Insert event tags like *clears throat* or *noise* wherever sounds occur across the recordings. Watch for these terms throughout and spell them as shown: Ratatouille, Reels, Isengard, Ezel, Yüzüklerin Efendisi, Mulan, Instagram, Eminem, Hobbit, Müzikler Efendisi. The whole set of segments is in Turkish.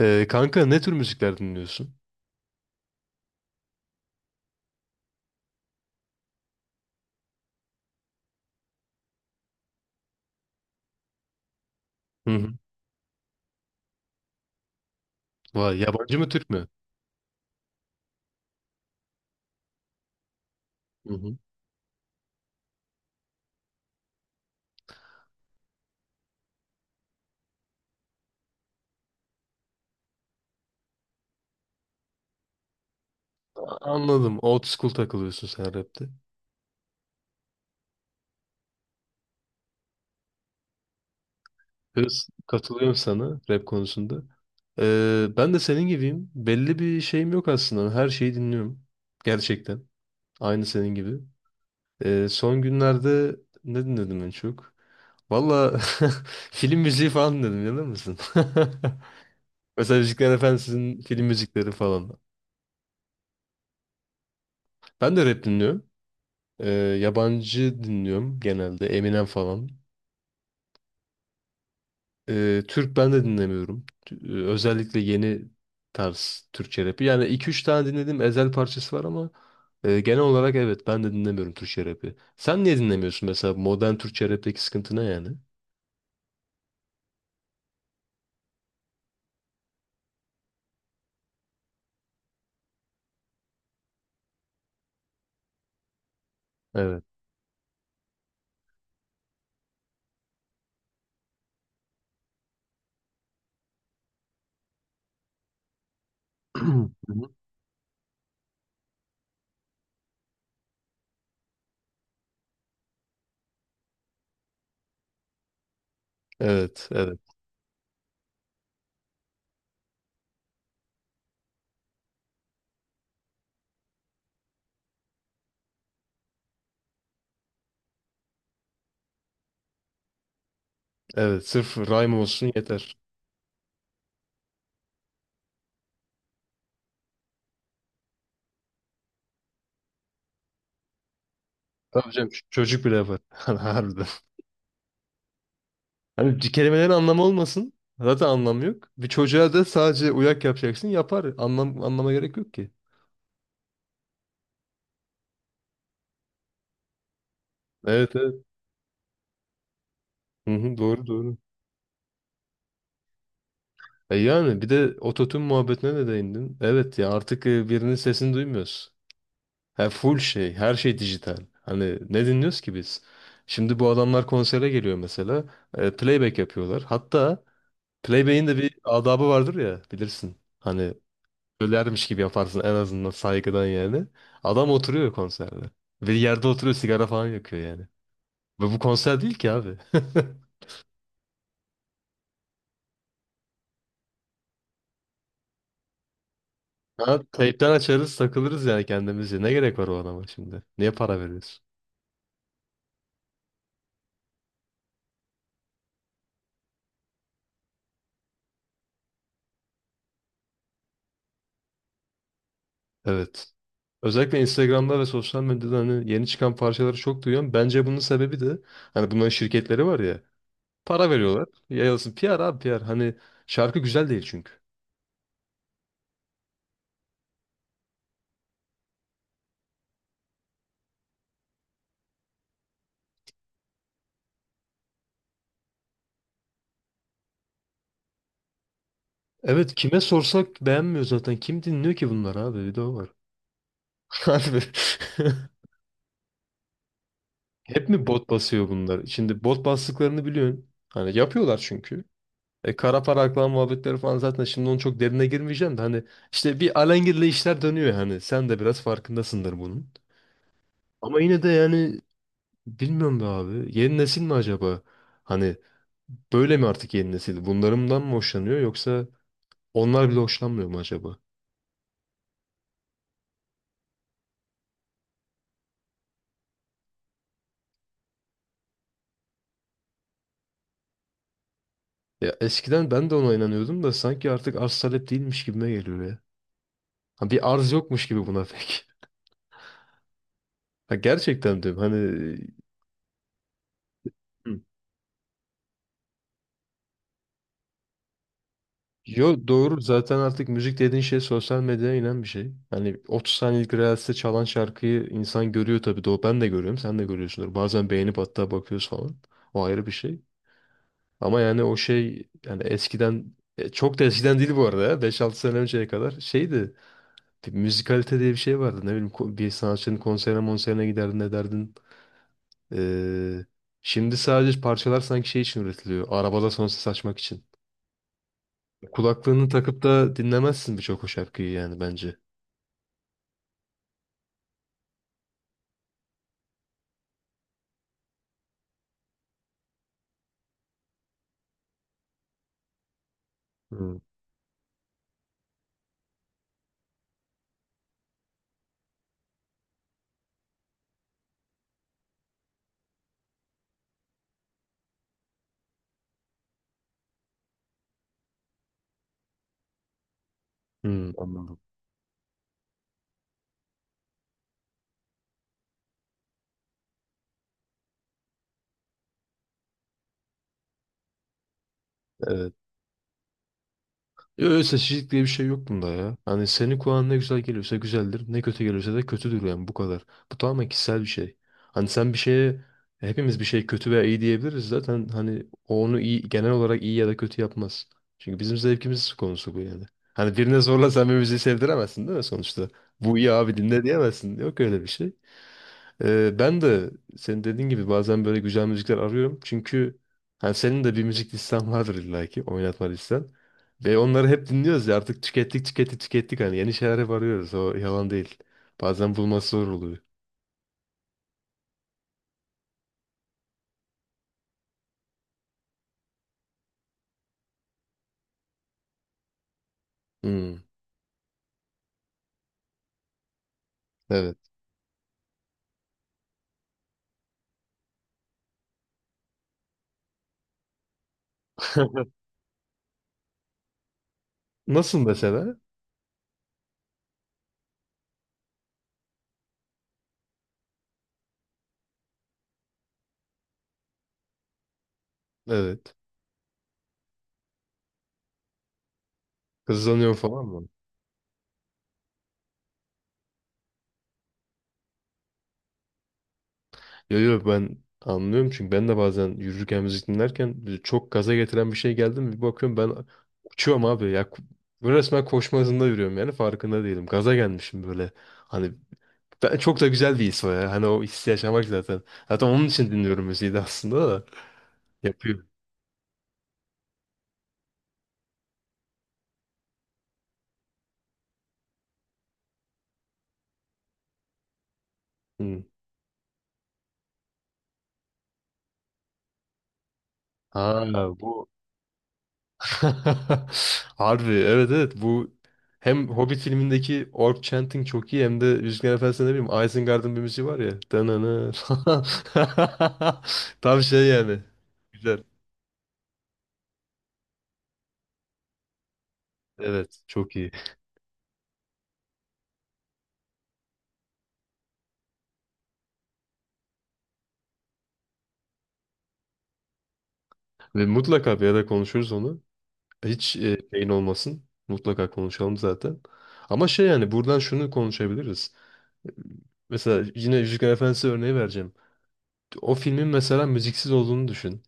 Kanka ne tür müzikler dinliyorsun? Hı hı. Vay, yabancı mı Türk mü? Hı hı. Anladım. Old school takılıyorsun sen rapte. Hız, katılıyorum sana rap konusunda. Ben de senin gibiyim. Belli bir şeyim yok aslında. Her şeyi dinliyorum. Gerçekten. Aynı senin gibi. Son günlerde ne dinledim en çok? Valla *laughs* film müziği falan dinledim. Yalan mısın? *laughs* Mesela Müzikler Efendisi'nin film müzikleri falan. Ben de rap dinliyorum. Ee, Yabancı dinliyorum genelde. Eminem falan. Türk ben de dinlemiyorum. Özellikle yeni tarz Türkçe rapi. Yani iki üç tane dinlediğim Ezel parçası var ama genel olarak evet ben de dinlemiyorum Türkçe rapi. Sen niye dinlemiyorsun mesela modern Türkçe rapteki sıkıntı ne yani? Evet. *clears throat* Hı hı. Evet, evet, evet. Sırf rhyme olsun yeter. Tabii canım, çocuk bile var. *laughs* Harbiden. Hani kelimelerin anlamı olmasın. Zaten anlam yok. Bir çocuğa da sadece uyak yapacaksın yapar. Anlam, anlama gerek yok ki. Evet evet. Hı hı, doğru doğru. E yani bir de ototun muhabbetine de değindin. Evet ya artık birinin sesini duymuyoruz. Ha, full şey her şey dijital. Hani ne dinliyoruz ki biz? Şimdi bu adamlar konsere geliyor mesela. Playback yapıyorlar. Hatta playback'in de bir adabı vardır ya bilirsin. Hani ölermiş gibi yaparsın en azından saygıdan yani. Adam oturuyor konserde. Ve yerde oturuyor sigara falan yakıyor yani. Ve bu konser değil ki abi. *laughs* Ha, teypten açarız takılırız yani kendimizce. Ne gerek var o adama şimdi? Niye para veriyorsun? Evet. Özellikle Instagram'da ve sosyal medyada hani yeni çıkan parçaları çok duyuyorum. Bence bunun sebebi de hani bunların şirketleri var ya. Para veriyorlar. Yayılsın. PR abi PR. Hani şarkı güzel değil çünkü. Evet kime sorsak beğenmiyor zaten. Kim dinliyor ki bunları abi? Bir de o var. Harbi. *laughs* Hep mi bot basıyor bunlar? Şimdi bot bastıklarını biliyorsun. Hani yapıyorlar çünkü. Kara para aklama muhabbetleri falan zaten şimdi onun çok derine girmeyeceğim de hani işte bir alengirli işler dönüyor yani. Sen de biraz farkındasındır bunun. Ama yine de yani bilmiyorum be abi. Yeni nesil mi acaba? Hani böyle mi artık yeni nesil? Bunlarından mı hoşlanıyor yoksa onlar bile hoşlanmıyor mu acaba? Ya eskiden ben de ona inanıyordum da sanki artık arz talep değilmiş gibime geliyor ya. Ha, bir arz yokmuş gibi buna pek. Ha, gerçekten diyorum. Hani. Hı. Yo, doğru zaten artık müzik dediğin şey sosyal medyaya inen bir şey. Hani 30 saniyelik Reels'te çalan şarkıyı insan görüyor tabii doğru. Ben de görüyorum, sen de görüyorsundur. Bazen beğenip hatta bakıyoruz falan. O ayrı bir şey. Ama yani o şey yani eskiden çok da eskiden değil bu arada ya. 5-6 sene önceye kadar şeydi. Bir müzikalite diye bir şey vardı. Ne bileyim bir sanatçının konserine monserine giderdin ederdin. Ee, Şimdi sadece parçalar sanki şey için üretiliyor. Arabada sonsuz açmak için. Kulaklığını takıp da dinlemezsin birçok o şarkıyı yani bence. Hmm. Hmm, anladım. Evet. Öyle seçicilik diye bir şey yok bunda ya. Hani senin kulağına ne güzel geliyorsa güzeldir, ne kötü geliyorsa da kötüdür yani bu kadar. Bu tamamen kişisel bir şey. Hani sen bir şeye, hepimiz bir şey kötü veya iyi diyebiliriz zaten hani o onu iyi, genel olarak iyi ya da kötü yapmaz. Çünkü bizim zevkimiz konusu bu yani. Hani birine zorla sen bir müziği sevdiremezsin değil mi sonuçta? Bu iyi abi dinle diyemezsin. Yok öyle bir şey. Ben de senin dediğin gibi bazen böyle güzel müzikler arıyorum. Çünkü hani senin de bir müzik listen *laughs* vardır illaki oynatma listen. Ve onları hep dinliyoruz ya artık tükettik tükettik tükettik hani yeni şeyler hep arıyoruz o yalan değil. Bazen bulması zor oluyor. Hmm, evet. *laughs* Nasıl mesela? Evet. Kızlanıyorum falan. Yo yo, ben anlıyorum çünkü ben de bazen yürürken müzik dinlerken çok gaza getiren bir şey geldi mi bir bakıyorum ben uçuyorum abi ya. Böyle resmen koşma hızında yürüyorum yani farkında değilim gaza gelmişim böyle, hani ben, çok da güzel bir his o ya hani o hissi yaşamak zaten onun için dinliyorum müziği de aslında da yapıyor. Hı. Ha, bu *laughs* harbi evet evet bu hem Hobbit filmindeki orc chanting çok iyi hem de Yüzüklerin Efendisi'nde ne bileyim Isengard'ın bir müziği var ya. Danana falan. *laughs* Tam şey yani. Güzel. Evet çok iyi. Ve mutlaka bir ara konuşuruz onu. Hiç şeyin olmasın. Mutlaka konuşalım zaten. Ama şey yani buradan şunu konuşabiliriz. Mesela yine Yüzüklerin Efendisi örneği vereceğim. O filmin mesela müziksiz olduğunu düşün.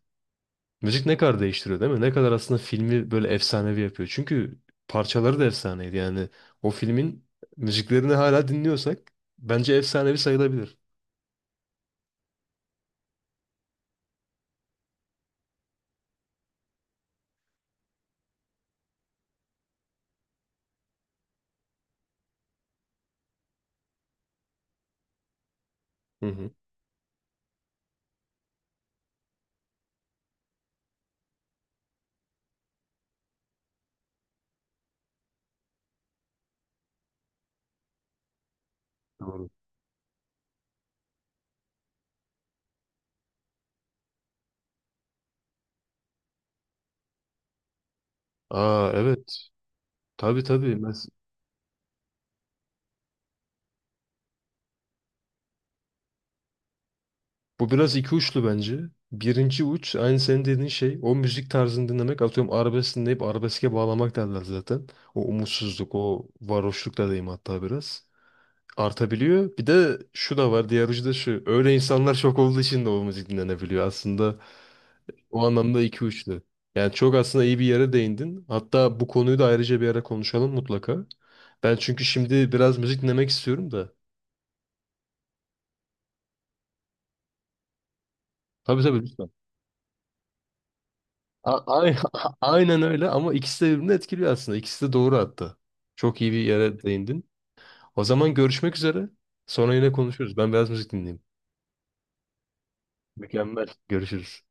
Müzik ne kadar değiştiriyor değil mi? Ne kadar aslında filmi böyle efsanevi yapıyor. Çünkü parçaları da efsaneydi. Yani o filmin müziklerini hala dinliyorsak bence efsanevi sayılabilir. Hı hı. Doğru. Aa evet. Tabii tabii. Bu biraz iki uçlu bence. Birinci uç aynı senin dediğin şey o müzik tarzını dinlemek atıyorum arabesk dinleyip arabeske bağlamak derler zaten. O umutsuzluk, o varoşluk da diyeyim hatta biraz artabiliyor. Bir de şu da var, diğer ucu da şu. Öyle insanlar çok olduğu için de o müzik dinlenebiliyor. Aslında o anlamda iki uçlu. Yani çok aslında iyi bir yere değindin. Hatta bu konuyu da ayrıca bir ara konuşalım mutlaka. Ben çünkü şimdi biraz müzik dinlemek istiyorum da. Tabii tabii lütfen. A- ay- *laughs* Aynen öyle ama ikisi de birbirini etkiliyor aslında. İkisi de doğru hatta. Çok iyi bir yere değindin. O zaman görüşmek üzere. Sonra yine konuşuruz. Ben biraz müzik dinleyeyim. Mükemmel. Görüşürüz.